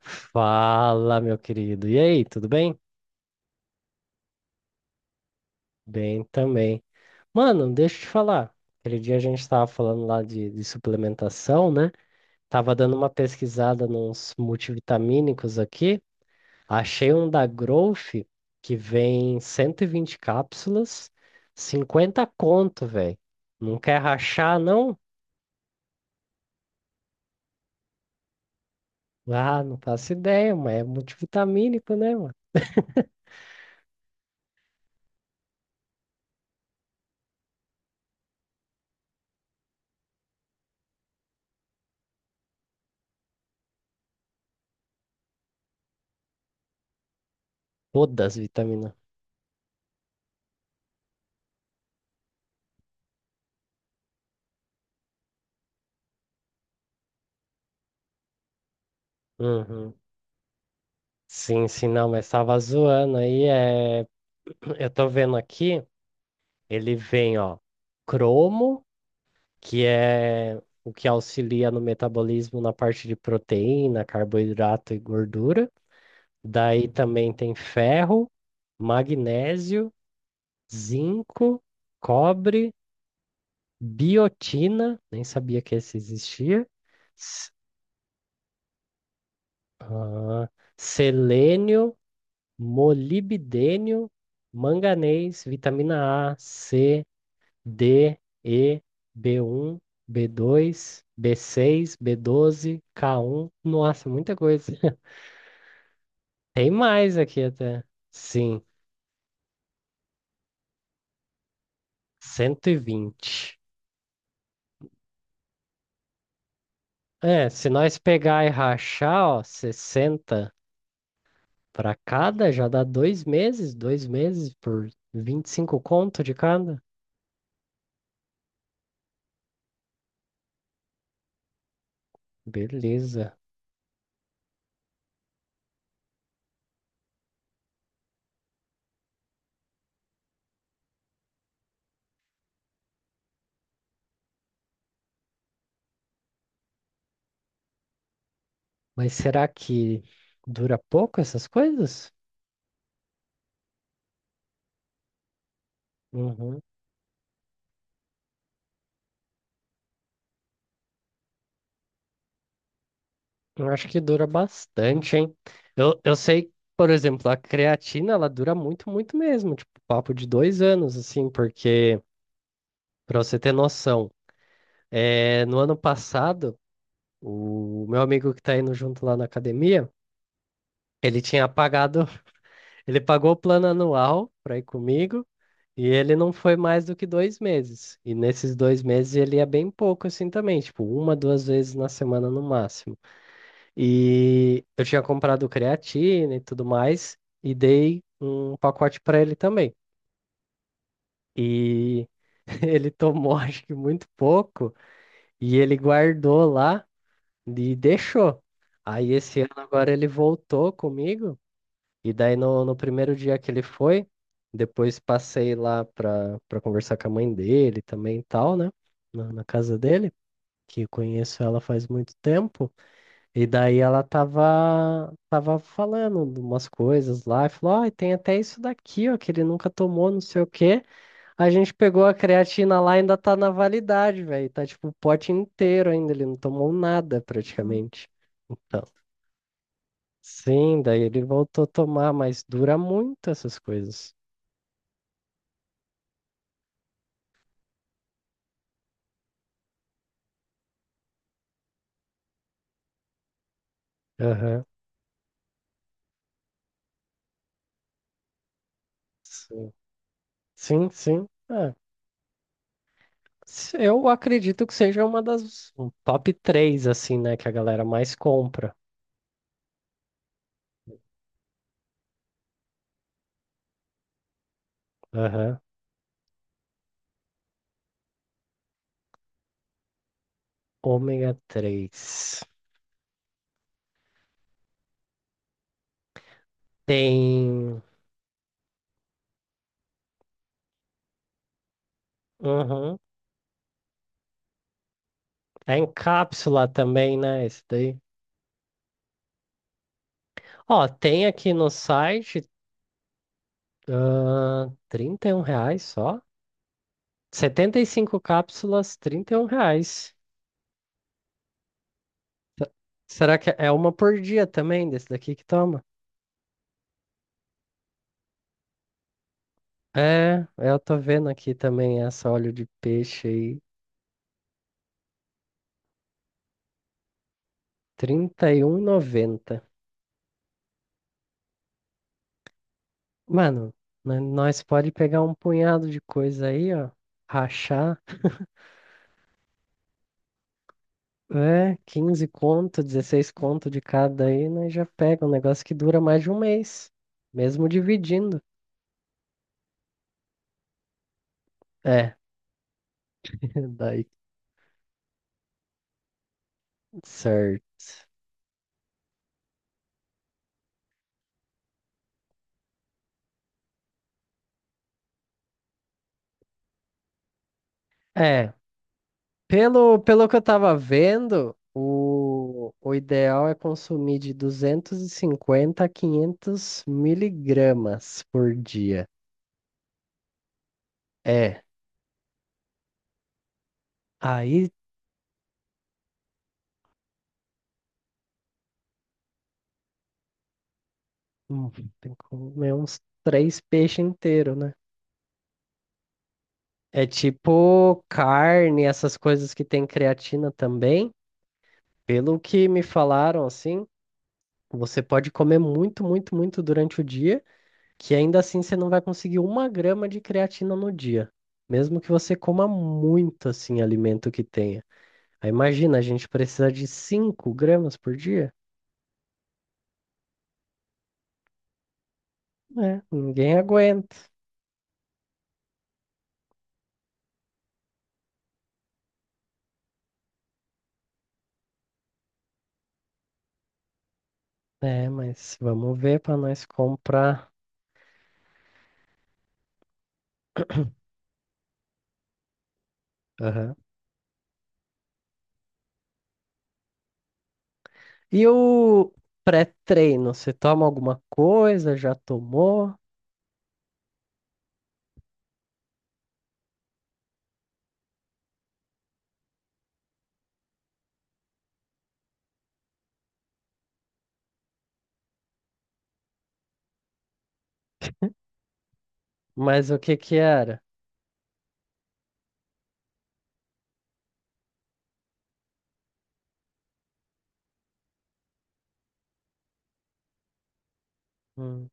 Fala, meu querido. E aí, tudo bem? Bem também. Mano, deixa eu te falar. Aquele dia a gente tava falando lá de suplementação, né? Tava dando uma pesquisada nos multivitamínicos aqui. Achei um da Growth que vem 120 cápsulas, 50 conto, velho. Não quer rachar, não? Ah, não faço ideia, mas é multivitamínico, né, mano? Todas as vitaminas. Uhum. Sim, sim, não, mas tava zoando aí. É. Eu tô vendo aqui, ele vem, ó, cromo, que é o que auxilia no metabolismo na parte de proteína, carboidrato e gordura. Daí também tem ferro, magnésio, zinco, cobre, biotina, nem sabia que esse existia. s- ah, Selênio, molibdênio, manganês, vitamina A, C, D, E, b um, b dois, b seis, b doze, K1. Nossa, muita coisa. Tem mais aqui até. Sim, 120. É, se nós pegar e rachar, ó, 60 para cada, já dá 2 meses, 2 meses por 25 conto de cada. Beleza. Mas será que dura pouco essas coisas? Uhum. Eu acho que dura bastante, hein? Eu sei, por exemplo, a creatina, ela dura muito, muito mesmo, tipo, papo de 2 anos, assim, porque, pra você ter noção, é, no ano passado, o meu amigo que tá indo junto lá na academia, ele tinha pagado, ele pagou o plano anual pra ir comigo, e ele não foi mais do que 2 meses. E nesses 2 meses ele ia bem pouco, assim, também, tipo, uma, duas vezes na semana no máximo. E eu tinha comprado creatina e tudo mais, e dei um pacote para ele também. E ele tomou, acho que muito pouco, e ele guardou lá e deixou. Aí esse ano agora ele voltou comigo, e daí no primeiro dia que ele foi, depois passei lá para conversar com a mãe dele também e tal, né? Na casa dele, que eu conheço ela faz muito tempo. E daí ela tava falando de umas coisas lá e falou: ai tem até isso daqui, ó, que ele nunca tomou, não sei o quê. A gente pegou a creatina lá e ainda tá na validade, velho. Tá tipo o pote inteiro ainda, ele não tomou nada praticamente. Então, sim, daí ele voltou a tomar, mas dura muito essas coisas. Aham. Sim, sim. Sim. É, eu acredito que seja uma das um top três assim, né, que a galera mais compra. Aham. Ômega três. Tem. Uhum. É em cápsula também, né? Esse daí. Ó, tem aqui no site, ah, R$ 31 só. 75 cápsulas, R$ 31. Se- Será que é uma por dia também desse daqui que toma? É, eu tô vendo aqui também essa óleo de peixe aí, trinta e R$ noventa. Mano, nós pode pegar um punhado de coisa aí, ó, rachar. É, 15 conto, 16 conto de cada aí, né? Já pega um negócio que dura mais de um mês, mesmo dividindo. É, daí certo. É, pelo, pelo que eu tava vendo, o ideal é consumir de 250 a 500 miligramas por dia. É, aí hum, tem que comer uns três peixes inteiros, né? É tipo carne, essas coisas que tem creatina também. Pelo que me falaram, assim, você pode comer muito, muito, muito durante o dia, que ainda assim você não vai conseguir uma grama de creatina no dia, mesmo que você coma muito, assim, alimento que tenha. Aí imagina, a gente precisa de 5 gramas por dia? É, ninguém aguenta. É, mas vamos ver para nós comprar. Aham. E o pré-treino, você toma alguma coisa? Já tomou? Mas o que que era? Hum.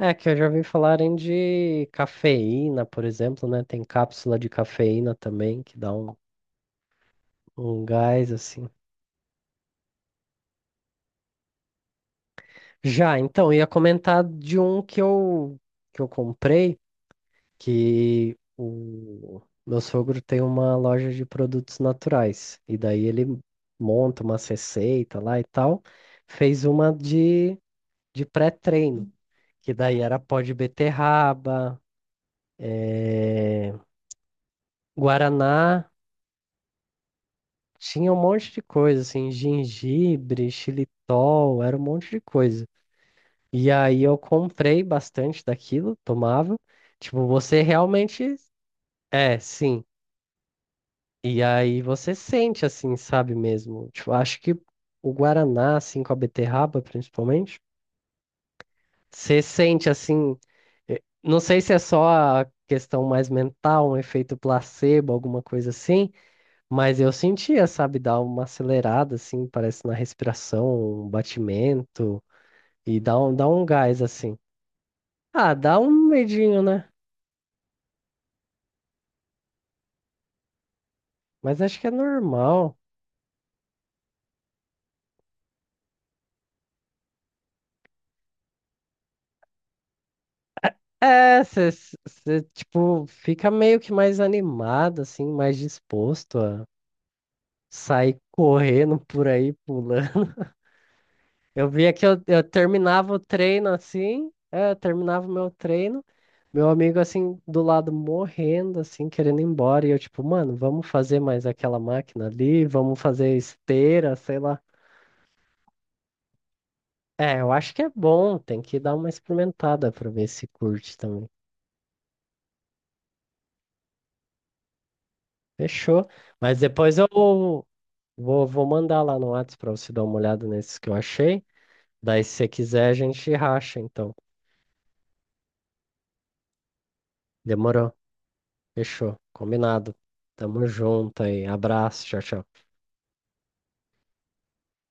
É que eu já ouvi falarem de cafeína, por exemplo, né? Tem cápsula de cafeína também que dá um, um gás assim. Já, então, ia comentar de um que eu comprei, que o meu sogro tem uma loja de produtos naturais e daí ele monta uma receita lá e tal, fez uma de pré-treino, que daí era pó de beterraba, é, guaraná. Tinha um monte de coisa, assim, gengibre, xilitol, era um monte de coisa. E aí eu comprei bastante daquilo, tomava. Tipo, você realmente. É, sim. E aí você sente, assim, sabe mesmo? Tipo, acho que o Guaraná, assim, com a beterraba, principalmente, você sente, assim. Não sei se é só a questão mais mental, um efeito placebo, alguma coisa assim. Mas eu sentia, sabe, dar uma acelerada, assim, parece na respiração, um batimento, e dá um gás, assim. Ah, dá um medinho, né? Mas acho que é normal. É, você, tipo, fica meio que mais animado, assim, mais disposto a sair correndo por aí, pulando. Eu via que eu terminava o treino, assim, é, eu terminava o meu treino. Meu amigo, assim, do lado morrendo, assim, querendo ir embora. E eu, tipo, mano, vamos fazer mais aquela máquina ali, vamos fazer esteira, sei lá. É, eu acho que é bom, tem que dar uma experimentada pra ver se curte também. Fechou. Mas depois eu vou mandar lá no Whats pra você dar uma olhada nesses que eu achei. Daí, se você quiser, a gente racha, então. Demorou. Fechou. Combinado. Tamo junto aí. Abraço. Tchau, tchau.